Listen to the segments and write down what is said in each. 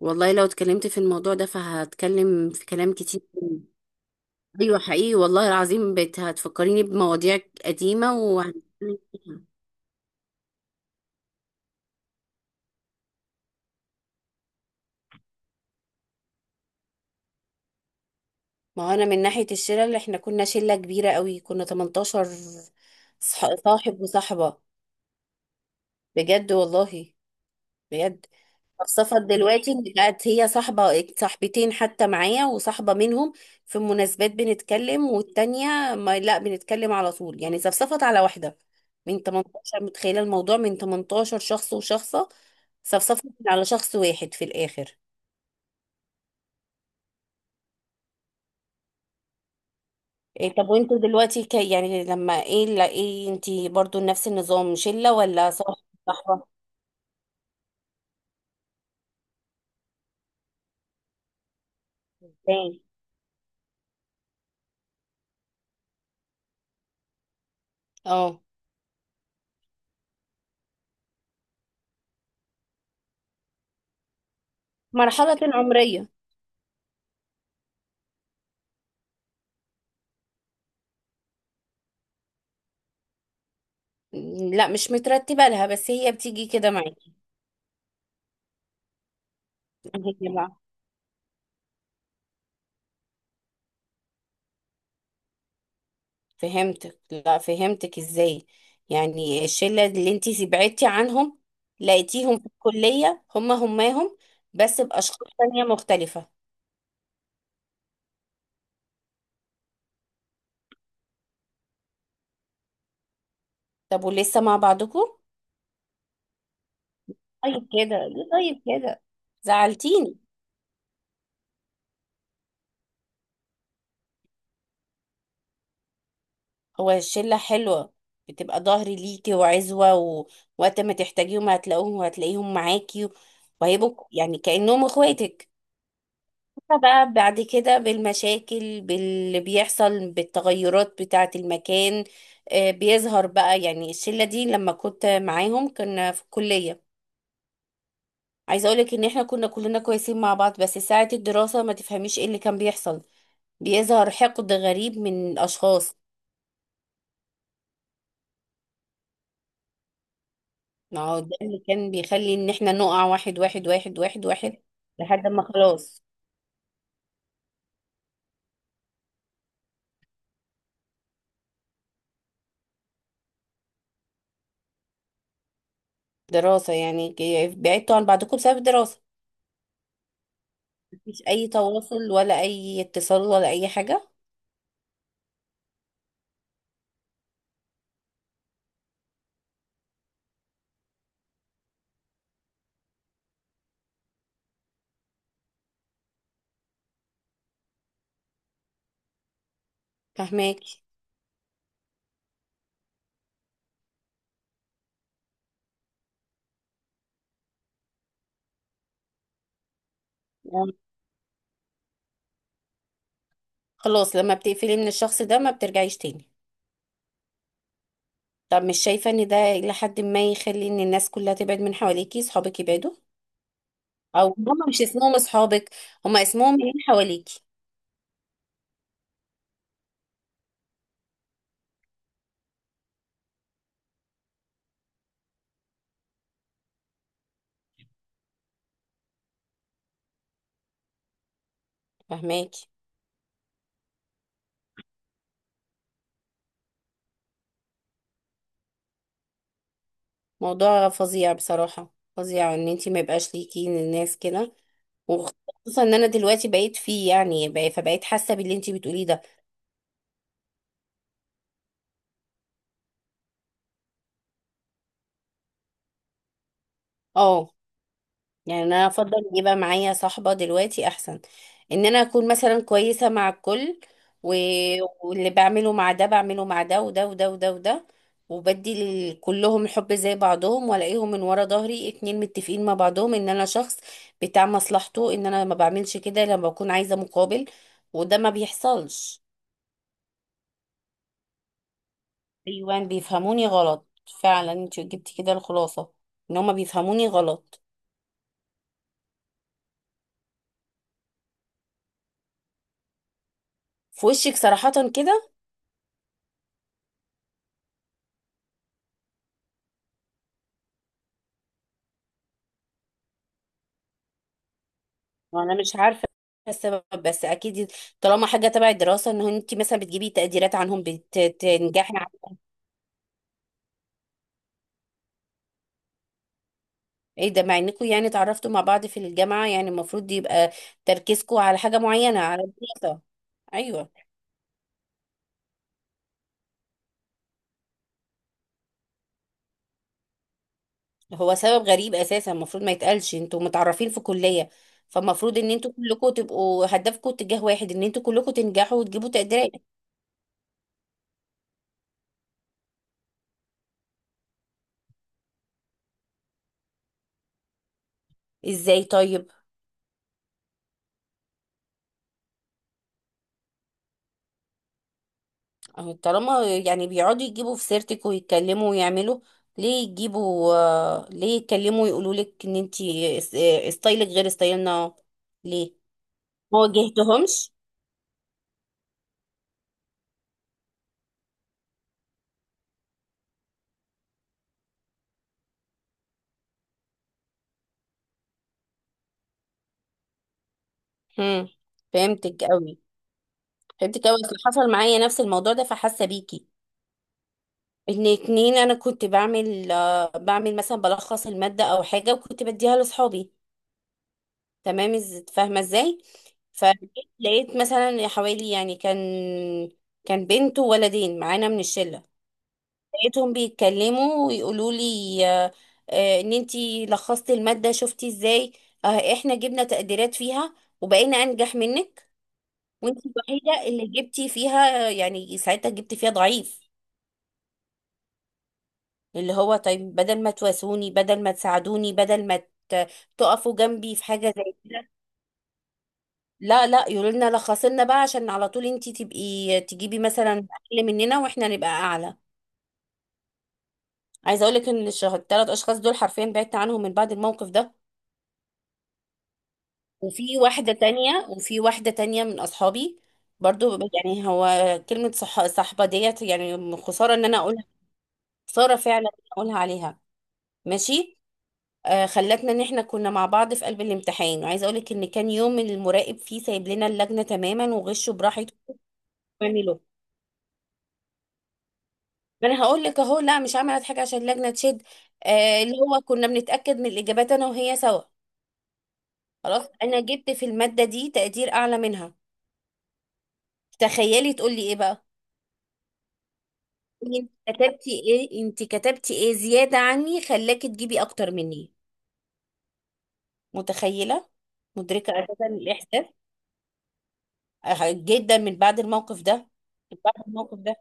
والله لو اتكلمت في الموضوع ده فهتكلم في كلام كتير. ايوه، حقيقي والله العظيم، بقيت هتفكريني بمواضيع قديمة ما هو انا من ناحية الشلة، اللي احنا كنا شلة كبيرة قوي، كنا 18 صاحب وصاحبة. بجد والله، بجد. صفت دلوقتي إن بقت هي صاحبة صاحبتين حتى، معايا، وصاحبة منهم في مناسبات بنتكلم، والتانية ما لا بنتكلم على طول. يعني صفصفت على واحدة من 18. متخيلة؟ الموضوع من 18 شخص وشخصة صفصفت على شخص واحد في الآخر. إيه، طب وانتوا دلوقتي ك... يعني لما ايه لا ايه انتي برضو نفس النظام، شلة ولا صاحبة صاحبة؟ تاني. اه، مرحلة عمرية. لا، مش مترتبة لها، بس هي بتيجي كده معاكي. هي بقى. فهمتك. لا، فهمتك ازاي؟ يعني الشلة اللي انتي بعدتي عنهم، لقيتيهم في الكلية هما هماهم، بس بأشخاص تانية مختلفة. طب ولسه مع بعضكم؟ طيب كده ليه؟ طيب كده. زعلتيني. هو الشلة حلوة، بتبقى ظهري ليكي وعزوة، ووقت ما تحتاجيهم هتلاقوهم، وهتلاقيهم معاكي، وهيبقوا يعني كأنهم اخواتك. بقى بعد كده، بالمشاكل، باللي بيحصل، بالتغيرات بتاعة المكان، بيظهر بقى، يعني الشلة دي لما كنت معاهم كنا في الكلية. عايزة اقولك ان احنا كنا كلنا كويسين مع بعض، بس ساعة الدراسة ما تفهميش ايه اللي كان بيحصل. بيظهر حقد غريب من الاشخاص. ما هو ده اللي كان بيخلي ان احنا نقع واحد واحد واحد واحد واحد، لحد ما خلاص. دراسة يعني، بعدتوا عن بعضكم بسبب الدراسة؟ مفيش اي تواصل ولا اي اتصال ولا اي حاجة؟ فهماكي. يعني خلاص لما بتقفلي من الشخص ده ما بترجعيش تاني؟ طب مش شايفة ان ده إلى حد ما يخلي ان الناس كلها تبعد من حواليكي، صحابك يبعدوا؟ او هما مش اسمهم اصحابك، هما اسمهم من حواليكي. فهماكي. موضوع فظيع، بصراحة فظيع، ان انتي ما يبقاش ليكي الناس كده. وخصوصا ان انا دلوقتي بقيت فيه يعني فبقيت حاسة باللي انتي بتقوليه ده. اه، يعني انا افضل يبقى معايا صاحبة دلوقتي احسن. ان انا اكون مثلا كويسة مع الكل و... واللي بعمله مع ده بعمله مع ده وده وده وده وده. وبدي كلهم الحب زي بعضهم، والاقيهم من ورا ظهري اتنين متفقين مع بعضهم ان انا شخص بتاع مصلحته، ان انا ما بعملش كده لما بكون عايزة مقابل، وده ما بيحصلش. ايوان بيفهموني غلط. فعلا انت جبتي كده الخلاصة، ان هما بيفهموني غلط. في وشك صراحة كده. انا مش عارفه السبب، بس اكيد طالما حاجه تبع الدراسه، ان انت مثلا بتجيبي تقديرات عنهم، بتنجحي. ايه ده، مع انكم يعني اتعرفتوا مع بعض في الجامعه، يعني المفروض يبقى تركيزكم على حاجه معينه، على الدراسه. ايوه. هو سبب غريب اساسا، المفروض ما يتقالش. انتوا متعرفين في كليه، فالمفروض ان انتوا كلكم تبقوا هدفكم اتجاه واحد، ان انتوا كلكم تنجحوا وتجيبوا تقديرات. ازاي طيب؟ أهو طالما يعني بيقعدوا يجيبوا في سيرتك ويتكلموا ويعملوا. ليه يجيبوا؟ ليه يتكلموا ويقولوا لك ان انتي ستايلك غير ستايلنا؟ ليه؟ ما واجهتهمش. هم. فهمتك قوي. فهمتك قوي، اصل حصل معايا نفس الموضوع ده، فحاسه بيكي. ان اتنين، انا كنت بعمل بعمل مثلا بلخص الماده او حاجه، وكنت بديها لاصحابي. تمام. فاهمه ازاي؟ فلقيت مثلا حوالي يعني كان بنت وولدين معانا من الشله. لقيتهم بيتكلموا ويقولوا لي ان انتي لخصتي المادة، شفتي ازاي؟ آه، احنا جبنا تقديرات فيها، وبقينا انجح منك. وانتي الوحيدة اللي جبتي فيها، يعني ساعتها جبتي فيها ضعيف. اللي هو طيب، بدل ما تواسوني، بدل ما تساعدوني، بدل ما ت- تقفوا جنبي في حاجة زي كده. لا لا، يقولوا لنا لخصي لنا بقى عشان على طول انتي تبقي تجيبي مثلا اقل مننا، واحنا نبقى اعلى. عايزه اقول لك ان 3 اشخاص دول حرفيا بعدت عنهم من بعد الموقف ده، وفي واحدة تانية، وفي واحدة تانية من أصحابي. برضو يعني هو كلمة صح، صحبة ديت يعني خسارة إن أنا أقولها. خسارة فعلا إن أنا أقولها عليها. ماشي. خلتنا إن إحنا كنا مع بعض في قلب الامتحان، وعايزة أقولك إن كان يوم المراقب فيه سايب لنا اللجنة تماما وغشوا براحته. اعملوا. ما أنا هقول لك أهو، لا، مش عملت حاجة عشان اللجنة تشد. اللي هو كنا بنتأكد من الإجابات أنا وهي سوا. خلاص أنا جبت في المادة دي تقدير أعلى منها. تخيلي تقولي إيه بقى. انت كتبتي ايه؟ انت كتبتي ايه زيادة عني خلاكي تجيبي اكتر مني؟ متخيلة. مدركة اساسا الاحساس اه، جدا من بعد الموقف ده. من بعد الموقف ده.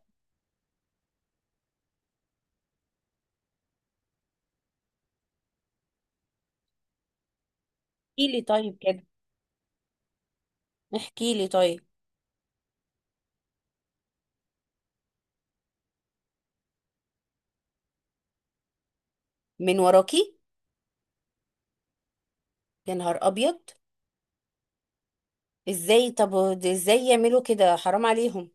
احكي لي طيب كده. احكي لي طيب. من وراكي؟ يا نهار ابيض. ازاي طب؟ ده ازاي يعملوا كده، حرام عليهم.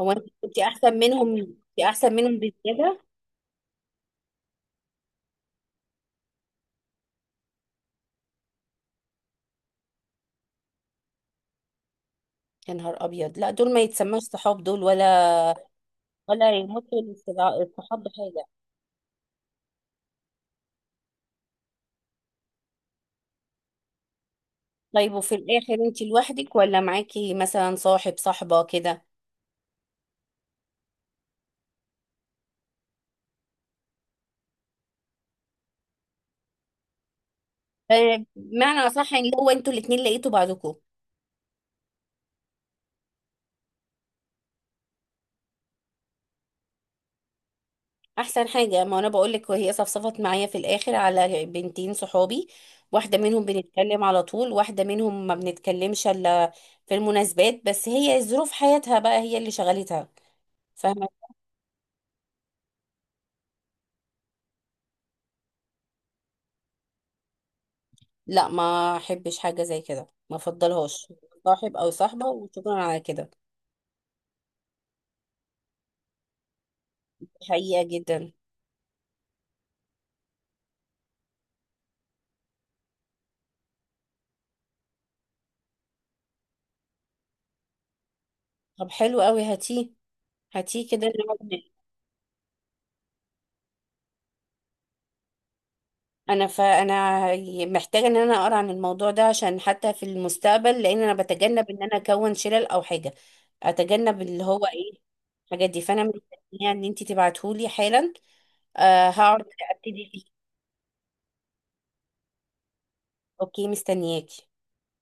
هو انت كنت احسن منهم، انت احسن منهم بزيادة. يا نهار ابيض، لا دول ما يتسموش صحاب، دول ولا ولا يمثلوا الصحاب بحاجة. طيب وفي الآخر انت لوحدك، ولا معاكي مثلا صاحب صاحبة كده؟ بمعنى أصح يعني هو انتوا الاتنين لقيتوا بعضكم. أحسن حاجة، ما أنا بقولك، وهي صفصفت معايا في الآخر على بنتين صحابي. واحدة منهم بنتكلم على طول، واحدة منهم ما بنتكلمش إلا في المناسبات، بس هي ظروف حياتها بقى هي اللي شغلتها. فاهمة. لا، ما أحبش حاجة زي كده، ما أفضلهاش. صاحب أو صاحبة وشكرا على كده. حقيقة جدا. طب حلو قوي، هاتيه. هاتيه كده نقعد. انا فانا محتاجه ان انا اقرا عن الموضوع ده، عشان حتى في المستقبل، لان انا بتجنب ان انا اكون شلل او حاجه. اتجنب اللي هو ايه، الحاجات دي. فانا مستنيه ان انت تبعتهولي حالا. أه، هقعد ابتدي فيه. اوكي، مستنياكي.